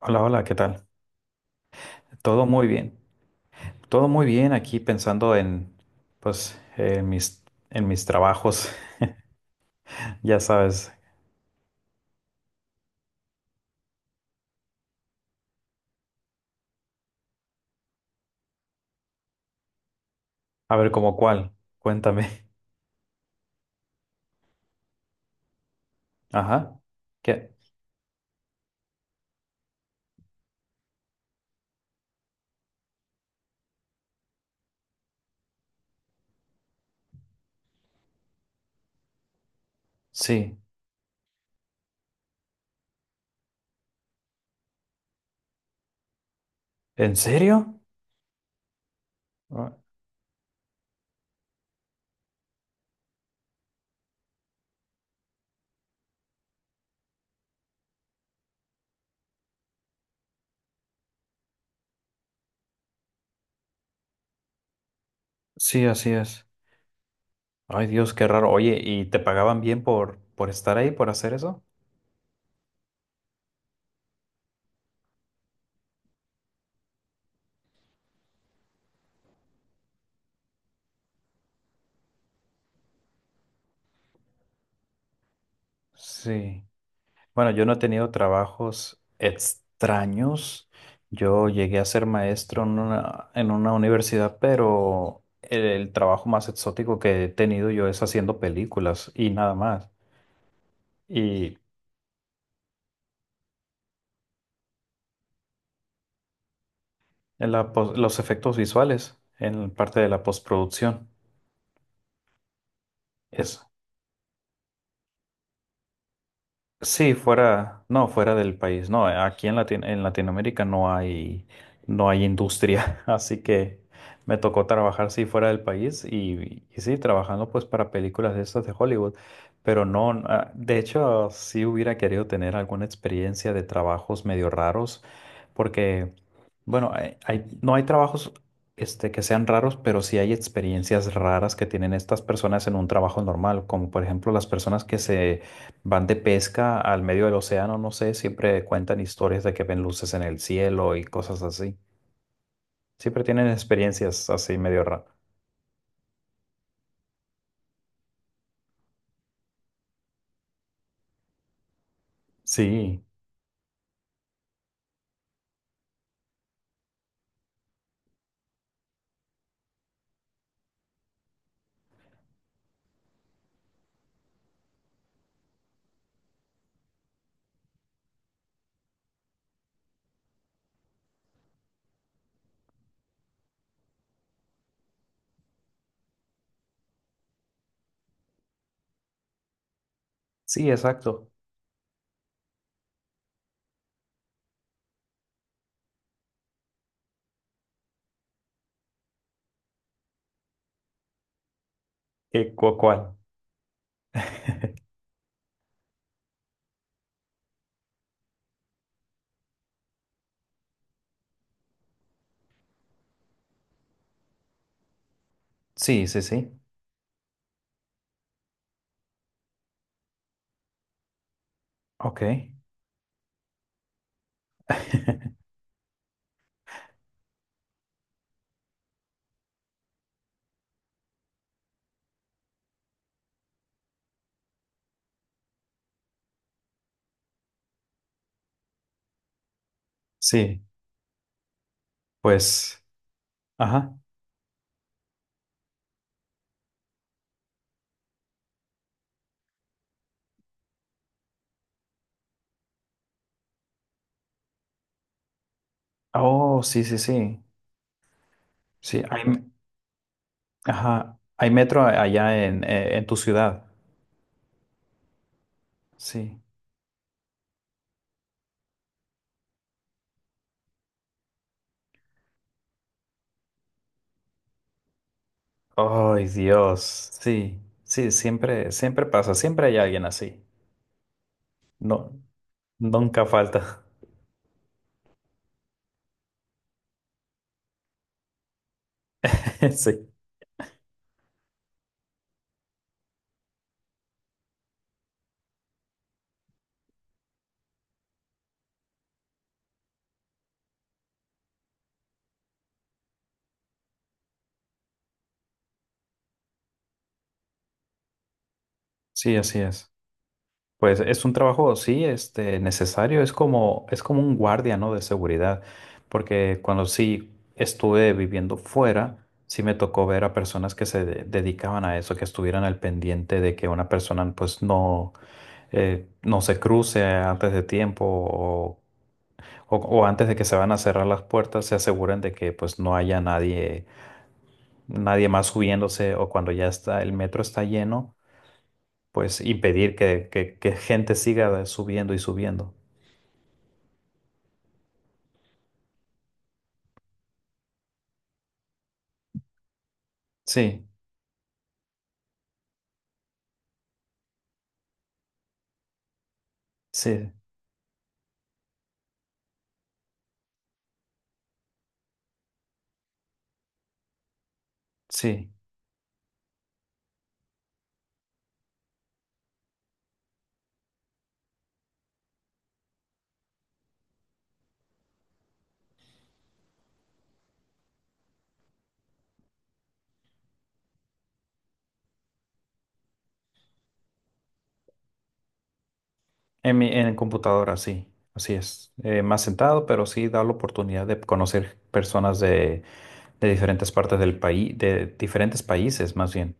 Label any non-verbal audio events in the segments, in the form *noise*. Hola, hola, ¿qué tal? Todo muy bien. Todo muy bien aquí pensando en, pues, en mis trabajos, *laughs* ya sabes. A ver, ¿cómo cuál? Cuéntame. *laughs* Ajá. ¿Qué? Sí. ¿En serio? Ah, sí, así es. Ay, Dios, qué raro. Oye, ¿y te pagaban bien por estar ahí, por hacer eso? Sí. Bueno, yo no he tenido trabajos extraños. Yo llegué a ser maestro en una universidad, pero el trabajo más exótico que he tenido yo es haciendo películas y nada más. Y en la los efectos visuales en parte de la postproducción. Es, Sí, fuera, no, fuera del país. No, aquí en en Latinoamérica no hay, no hay industria, *laughs* así que me tocó trabajar sí fuera del país y sí, trabajando pues para películas de estas de Hollywood, pero no, ah, de hecho sí hubiera querido tener alguna experiencia de trabajos medio raros, porque, bueno, no hay trabajos este, que sean raros, pero sí hay experiencias raras que tienen estas personas en un trabajo normal, como por ejemplo las personas que se van de pesca al medio del océano, no sé, siempre cuentan historias de que ven luces en el cielo y cosas así. Siempre tienen experiencias así medio raras. Sí, sí, exacto. ¿Qué, cuál? Sí, sí, sí. Ok. *laughs* Sí, pues, ajá. Oh, sí, sí, sí. Sí, hay, ajá, hay metro allá en tu ciudad. Sí. Ay, Dios. Sí, sí, siempre, siempre pasa, siempre hay alguien así. No, nunca falta. *laughs* Sí. Sí, así es. Pues es un trabajo, sí, este, necesario, es como un guardia, ¿no? De seguridad, porque cuando sí estuve viviendo fuera, sí me tocó ver a personas que dedicaban a eso, que estuvieran al pendiente de que una persona pues no, no se cruce antes de tiempo o, o antes de que se van a cerrar las puertas, se aseguren de que pues no haya nadie, nadie más subiéndose o cuando ya está, el metro está lleno pues impedir que, que gente siga subiendo y subiendo. Sí, sí, sí. En computadora, sí. Así es. Más sentado, pero sí da la oportunidad de conocer personas de diferentes partes del país, de diferentes países más bien.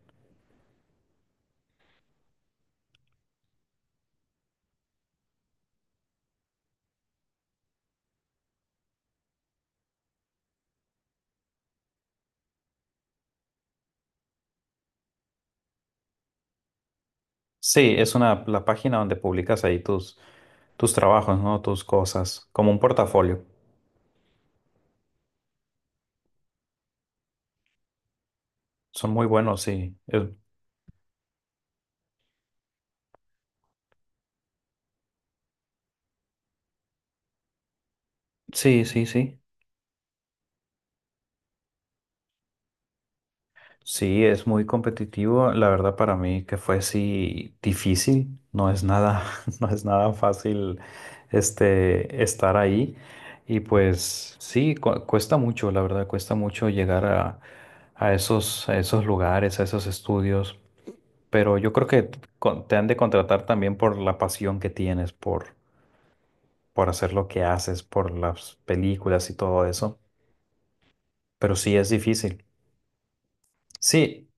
Sí, es una, la página donde publicas ahí tus, tus trabajos, ¿no? Tus cosas, como un portafolio. Son muy buenos, sí. Sí, sí, sí. Sí, es muy competitivo. La verdad para mí que fue sí difícil. No es nada, *laughs* no es nada fácil este estar ahí. Y pues sí, cuesta mucho, la verdad, cuesta mucho llegar a esos lugares, a esos estudios. Pero yo creo que te han de contratar también por la pasión que tienes, por hacer lo que haces, por las películas y todo eso. Pero sí es difícil. Sí.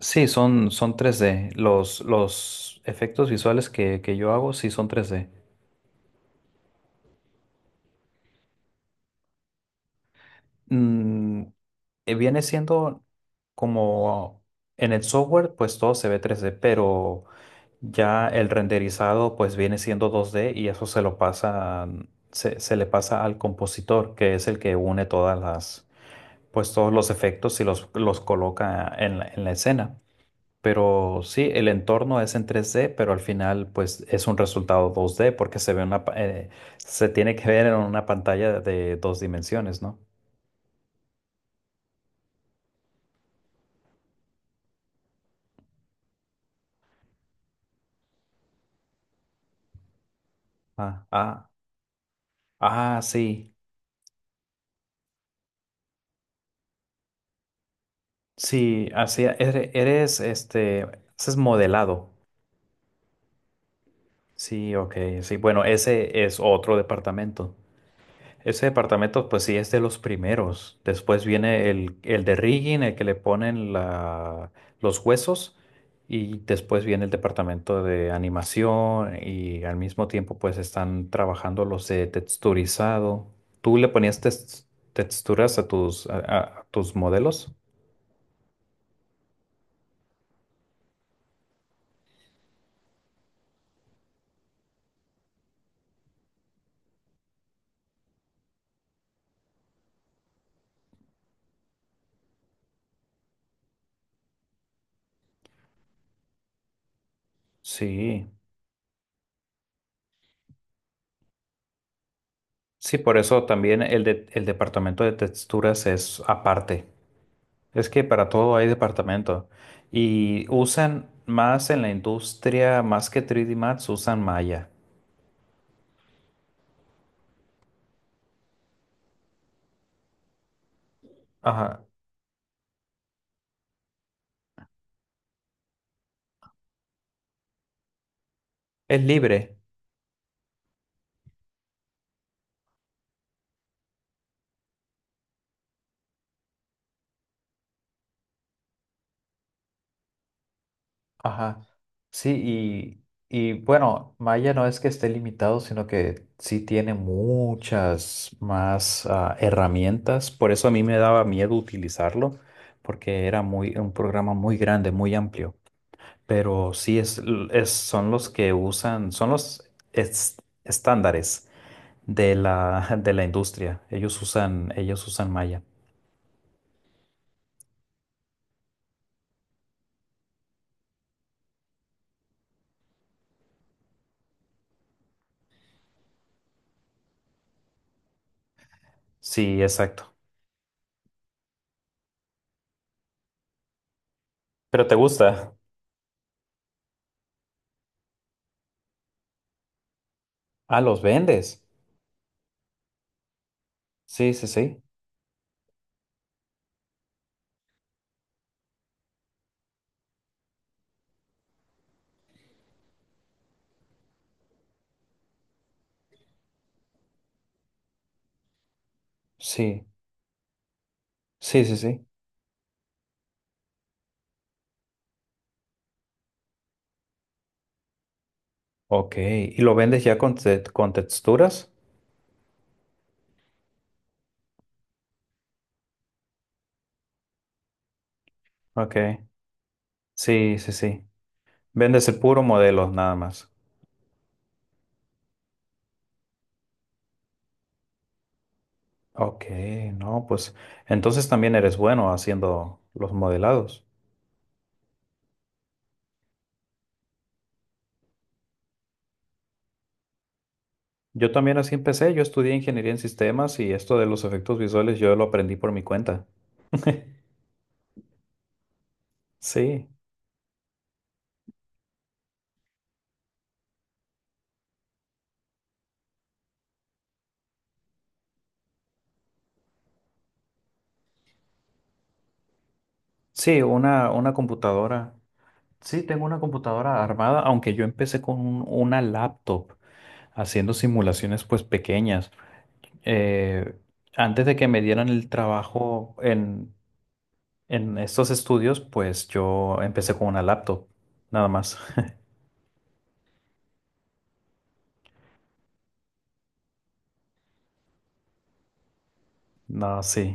Sí, son, son tres d. Los efectos visuales que yo hago sí son tres d. Mm, viene siendo como en el software, pues todo se ve tres d, pero ya el renderizado pues viene siendo dos d y eso se lo pasa, mm, se le pasa al compositor, que es el que une todas las, pues todos los efectos y los coloca en la escena. Pero sí, el entorno es en 3D, pero al final pues es un resultado 2D porque se ve una, se tiene que ver en una pantalla de dos dimensiones, ¿no? Ah, ah, ah, sí, sí, así, eres, este, haces modelado. Sí, ok, sí, bueno, ese es otro departamento. Ese departamento, pues sí, es de los primeros. Después viene el de rigging, el que le ponen la, los huesos. Y después viene el departamento de animación y al mismo tiempo pues están trabajando los de texturizado. ¿Tú le ponías texturas a tus, a tus modelos? Sí. Sí, por eso también el departamento de texturas es aparte. Es que para todo hay departamento. Y usan más en la industria, más que 3D Max, usan Maya. Ajá. Es libre. Ajá. Sí, y bueno, Maya no es que esté limitado, sino que sí tiene muchas más ah, herramientas. Por eso a mí me daba miedo utilizarlo, porque era muy, un programa muy grande, muy amplio. Pero sí es, son los que usan, son los estándares de la, *laughs* de la industria. Ellos usan malla. Sí, exacto. ¿Pero te gusta? Ah, los vendes. Sí, sí, sí. Sí, sí, sí, sí. Ok. ¿Y lo vendes ya con, con texturas? Ok. Sí, sí, sí. Vendes el puro modelo, nada más. Ok, no, pues entonces también eres bueno haciendo los modelados. Yo también así empecé, yo estudié ingeniería en sistemas y esto de los efectos visuales yo lo aprendí por mi cuenta. Sí. Sí, una computadora. Sí, tengo una computadora armada, aunque yo empecé con una laptop haciendo simulaciones pues pequeñas. Eh, antes de que me dieran el trabajo en estos estudios, pues yo empecé con una laptop, nada más. *laughs* No, sí,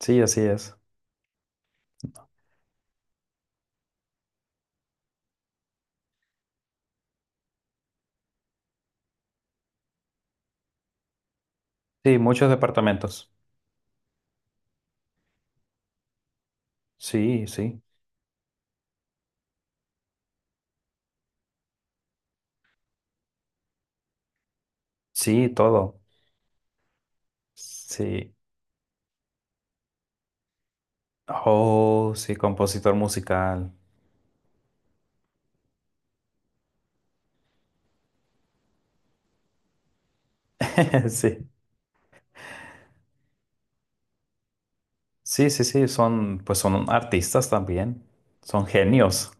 sí, así es. Sí, muchos departamentos. Sí, sí, sí, todo. Sí. Oh, sí, compositor musical. *laughs* Sí. Sí, sí, sí, son, pues son artistas también, son genios.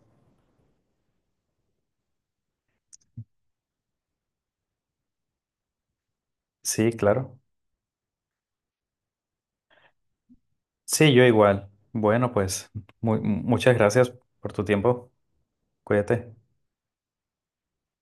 Sí, claro. Sí, yo igual. Bueno, pues muchas gracias por tu tiempo. Cuídate.